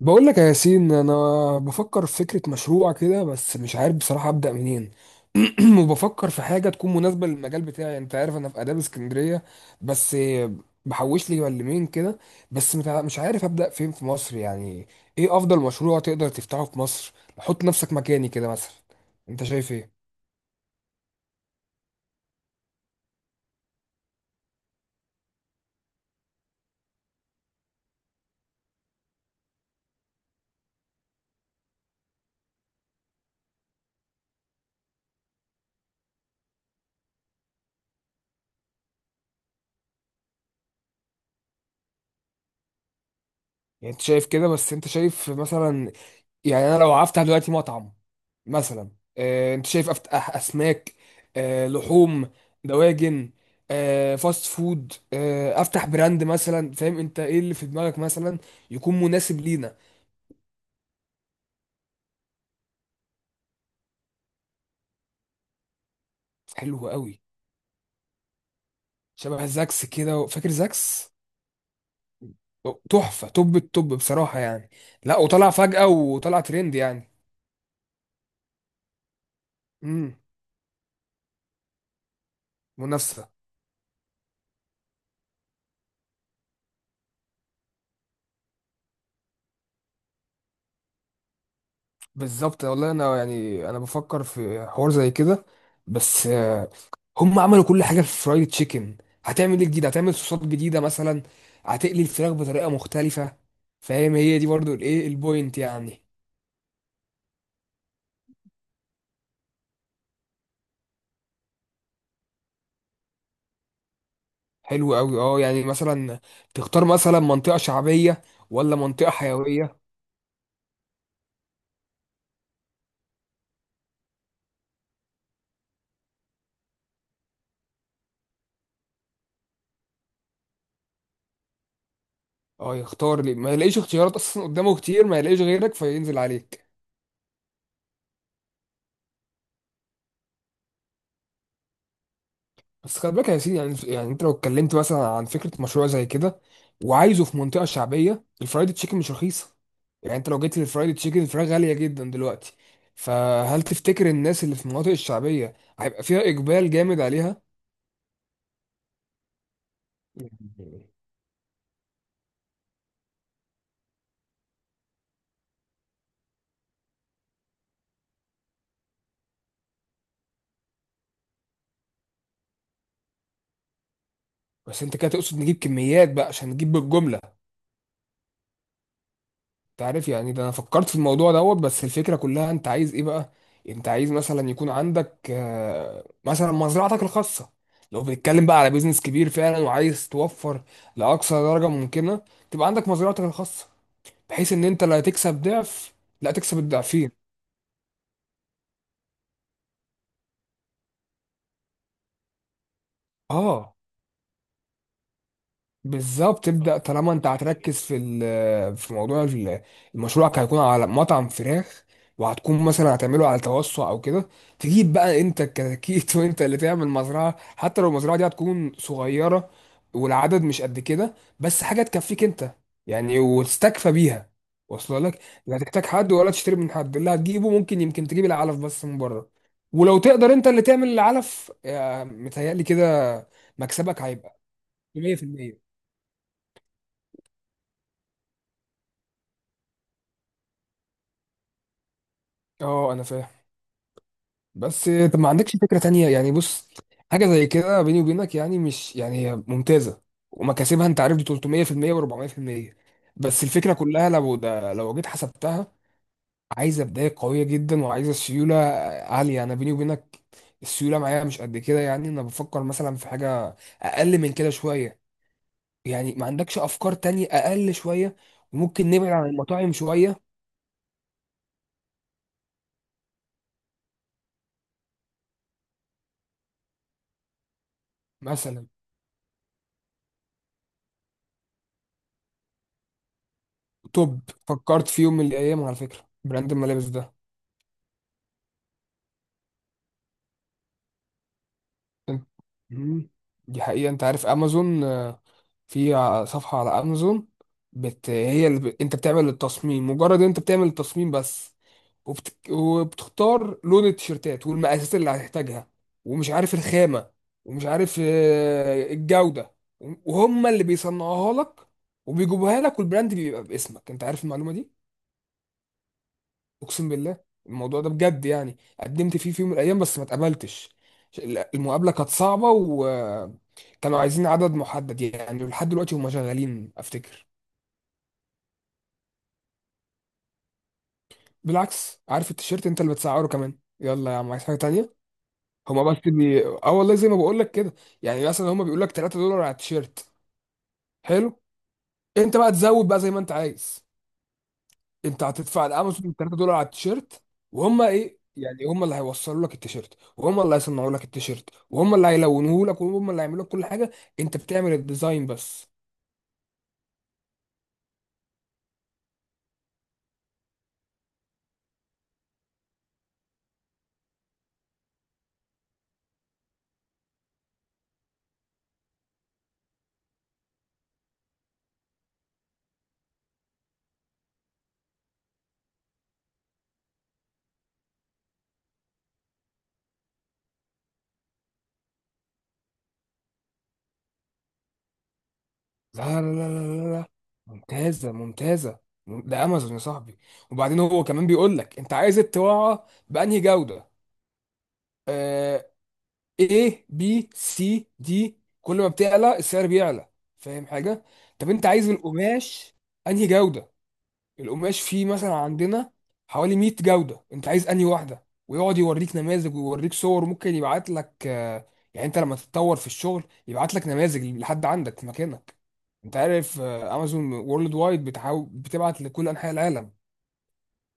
بقول لك يا ياسين، انا بفكر في فكره مشروع كده، بس مش عارف بصراحه ابدا منين. وبفكر في حاجه تكون مناسبه للمجال بتاعي، انت عارف انا في اداب اسكندريه. بس بحوش لي ملمين كده. بس مش عارف ابدا فين في مصر يعني. ايه افضل مشروع تقدر تفتحه في مصر؟ حط نفسك مكاني كده مثلا، انت شايف ايه؟ يعني انت شايف كده، بس انت شايف مثلا، يعني انا لو هفتح دلوقتي مطعم مثلا، انت شايف افتح اسماك، لحوم، دواجن، فاست فود، افتح براند مثلا؟ فاهم انت ايه اللي في دماغك مثلا، يكون مناسب لينا؟ حلو قوي. شبه زاكس كده، فاكر زاكس؟ تحفة، توب التوب بصراحة يعني. لا وطلع فجأة وطلع ترند يعني. امم. منافسة. بالظبط والله، انا يعني انا بفكر في حوار زي كده، بس هم عملوا كل حاجه في فرايد تشيكن. هتعمل ايه جديد؟ هتعمل صوصات جديده مثلا؟ هتقلي الفراخ بطريقه مختلفه؟ فاهم؟ هي دي برضو الايه البوينت يعني. حلو قوي اه، يعني مثلا تختار مثلا منطقه شعبيه ولا منطقه حيويه؟ اه، يختار ليه ما يلاقيش اختيارات اصلا قدامه كتير، ما يلاقيش غيرك فينزل عليك. بس خلي بالك يا سيدي، يعني انت لو اتكلمت مثلا عن فكره مشروع زي كده، وعايزه في منطقه شعبيه، الفرايد تشيكن مش رخيصه. يعني انت لو جيت للفرايد تشيكن الفراخ غاليه جدا دلوقتي، فهل تفتكر الناس اللي في المناطق الشعبيه هيبقى فيها اقبال جامد عليها؟ يعني. بس انت كده تقصد نجيب كميات بقى عشان نجيب بالجمله؟ انت عارف يعني، ده انا فكرت في الموضوع دوت، بس الفكره كلها انت عايز ايه بقى؟ انت عايز مثلا يكون عندك مثلا مزرعتك الخاصه، لو بنتكلم بقى على بيزنس كبير فعلا وعايز توفر لاقصى درجه ممكنه. تبقى عندك مزرعتك الخاصه بحيث ان انت لا تكسب ضعف، لا تكسب الضعفين. اه بالظبط، تبدأ طالما انت هتركز في في موضوع المشروع، هيكون على مطعم فراخ. وهتكون مثلا هتعمله على توسع او كده، تجيب بقى انت الكتاكيت وانت اللي تعمل مزرعة، حتى لو المزرعة دي هتكون صغيرة والعدد مش قد كده، بس حاجة تكفيك انت يعني وتستكفى بيها. واصله لك لا هتحتاج حد ولا تشتري من حد، اللي هتجيبه ممكن يمكن تجيب العلف بس من بره. ولو تقدر انت اللي تعمل العلف، متهيألي كده مكسبك هيبقى 100%. اه انا فاهم، بس طب ما عندكش فكرة تانية يعني؟ بص، حاجة زي كده بيني وبينك، يعني مش يعني هي ممتازة، ومكاسبها انت عارف دي 300% و400%. بس الفكرة كلها لو ده، لو جيت حسبتها، عايزة بداية قوية جدا وعايزة سيولة عالية، انا بيني وبينك السيولة معايا مش قد كده. يعني انا بفكر مثلا في حاجة اقل من كده شوية، يعني ما عندكش افكار تانية اقل شوية؟ وممكن نبعد عن المطاعم شوية. مثلا توب. فكرت في يوم من الايام على فكرة براند الملابس ده. مم. دي حقيقة، انت عارف امازون في صفحة على امازون، هي اللي انت بتعمل التصميم، مجرد انت بتعمل التصميم بس، وبتختار لون التيشيرتات والمقاسات اللي هتحتاجها، ومش عارف الخامة، ومش عارف الجودة، وهم اللي بيصنعوها لك وبيجيبوها لك، والبراند بيبقى باسمك. انت عارف المعلومة دي؟ اقسم بالله، الموضوع ده بجد، يعني قدمت فيه في يوم من الايام بس ما اتقبلتش. لا، المقابله كانت صعبه وكانوا عايزين عدد محدد، يعني لحد دلوقتي هم شغالين افتكر. بالعكس، عارف التيشيرت انت اللي بتسعره كمان، يلا يا عم عايز حاجه تانية. هما بس اه والله زي ما بقول لك كده، يعني مثلا هما بيقول لك $3 على التيشيرت. حلو، انت بقى تزود بقى زي ما انت عايز، انت هتدفع لامازون $3 على التيشيرت، وهم ايه يعني هم اللي هيوصلوا لك التيشيرت وهم اللي هيصنعوا لك التيشيرت وهم اللي هيلونوه لك وهم اللي هيعملوا لك كل حاجه، انت بتعمل الديزاين بس. لا لا لا لا لا لا. ممتازه ممتازه، ده امازون يا صاحبي، وبعدين هو كمان بيقول لك انت عايز الطباعه بانهي جوده. آه، A B C D، كل ما بتعلى السعر بيعلى، فاهم حاجه؟ طب انت عايز القماش انهي جوده؟ القماش فيه مثلا عندنا حوالي 100 جودة، انت عايز انهي واحدة؟ ويقعد يوريك نماذج ويوريك صور، وممكن يبعت لك، يعني انت لما تتطور في الشغل يبعت لك نماذج لحد عندك في مكانك. انت عارف امازون وورلد وايد بتحاول بتبعت لكل انحاء العالم.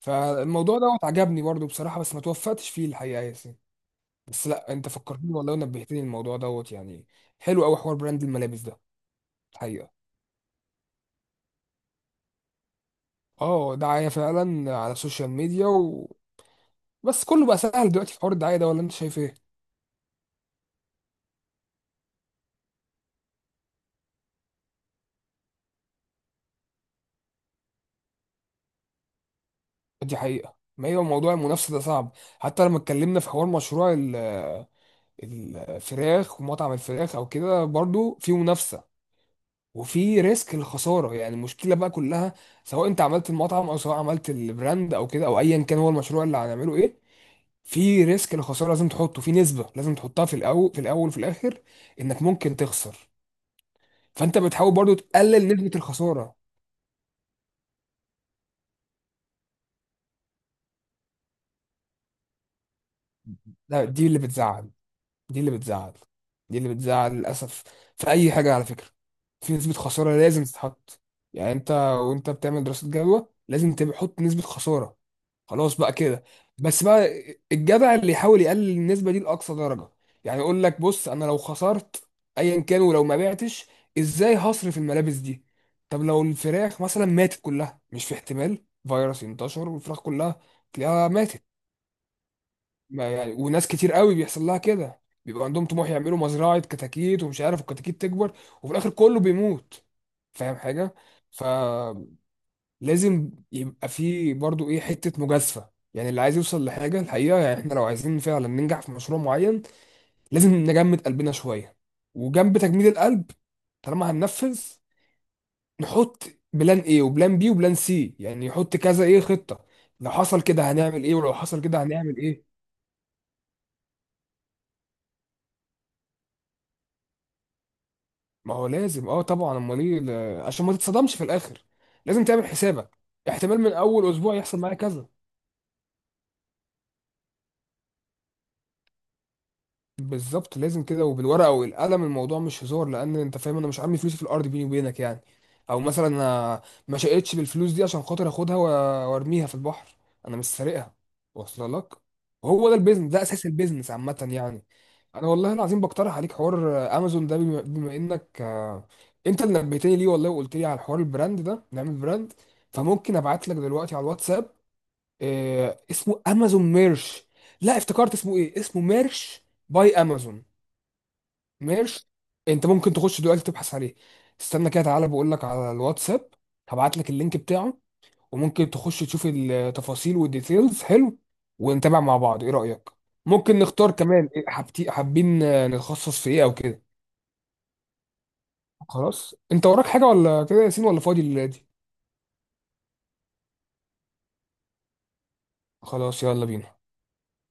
فالموضوع دوت عجبني برضو بصراحة، بس ما توفقتش فيه الحقيقة يا ياسين. بس لا، انت فكرتني والله ونبهتني الموضوع دوت يعني، حلو قوي حوار براند الملابس ده الحقيقة. اه، دعاية فعلا على السوشيال ميديا، بس كله بقى سهل دلوقتي في حوار الدعايه ده، ولا انت شايف ايه؟ دي حقيقه، ما هي موضوع المنافسه ده صعب، حتى لما اتكلمنا في حوار مشروع الفراخ، ومطعم الفراخ او كده برضو في منافسه، وفي ريسك الخساره. يعني المشكله بقى كلها، سواء انت عملت المطعم او سواء عملت البراند او كده او ايا كان هو المشروع اللي هنعمله ايه، في ريسك الخساره لازم تحطه في نسبه، لازم تحطها في الاول، في الاول وفي الاخر، انك ممكن تخسر. فانت بتحاول برضو تقلل نسبه الخساره. دي اللي بتزعل، دي اللي بتزعل، دي اللي بتزعل للأسف. في أي حاجة على فكرة، في نسبة خسارة لازم تتحط. يعني أنت وأنت بتعمل دراسة جدوى لازم تحط نسبة خسارة، خلاص بقى كده. بس بقى الجدع اللي يحاول يقلل النسبة دي لأقصى درجة، يعني يقول لك بص، أنا لو خسرت أيا كان ولو ما بعتش إزاي هصرف الملابس دي؟ طب لو الفراخ مثلا ماتت كلها، مش في احتمال فيروس ينتشر والفراخ كلها تلاقيها ماتت؟ ما يعني وناس كتير قوي بيحصل لها كده، بيبقى عندهم طموح يعملوا مزرعة كتاكيت ومش عارف الكتاكيت تكبر، وفي الآخر كله بيموت، فاهم حاجة؟ فلازم يبقى في برضو إيه حتة مجازفة، يعني اللي عايز يوصل لحاجة الحقيقة، يعني إحنا لو عايزين فعلا ننجح في مشروع معين لازم نجمد قلبنا شوية. وجنب تجميد القلب، طالما هننفذ، نحط بلان ايه وبلان بي وبلان سي، يعني يحط كذا ايه خطة. لو حصل كده هنعمل ايه، ولو حصل كده هنعمل ايه. ما هو لازم، اه طبعا، امال ايه، عشان ما تتصدمش في الاخر لازم تعمل حسابك، احتمال من اول اسبوع يحصل معايا كذا. بالظبط لازم كده، وبالورقه والقلم، الموضوع مش هزار، لان انت فاهم انا مش عامل فلوسي في الارض بيني وبينك يعني. او مثلا انا ما شقتش بالفلوس دي عشان خاطر اخدها وارميها في البحر، انا مش سارقها. واصله لك وهو ده البيزنس، ده اساس البيزنس عامه يعني. انا والله العظيم بقترح عليك حوار امازون ده، بما انك انت اللي نبهتني ليه والله وقلت لي على حوار البراند ده نعمل براند. فممكن ابعت لك دلوقتي على الواتساب، اسمه امازون ميرش، لا افتكرت اسمه ايه، اسمه ميرش باي امازون. ميرش، انت ممكن تخش دلوقتي تبحث عليه، استنى كده تعالى بقول لك على الواتساب، هبعت لك اللينك بتاعه، وممكن تخش تشوف التفاصيل والديتيلز، حلو ونتابع مع بعض، ايه رأيك؟ ممكن نختار كمان إيه حابتي حابين نتخصص في ايه او كده. خلاص، انت وراك حاجة ولا كده يا ياسين؟ ولا فاضي الليلة دي؟ خلاص يلا بينا.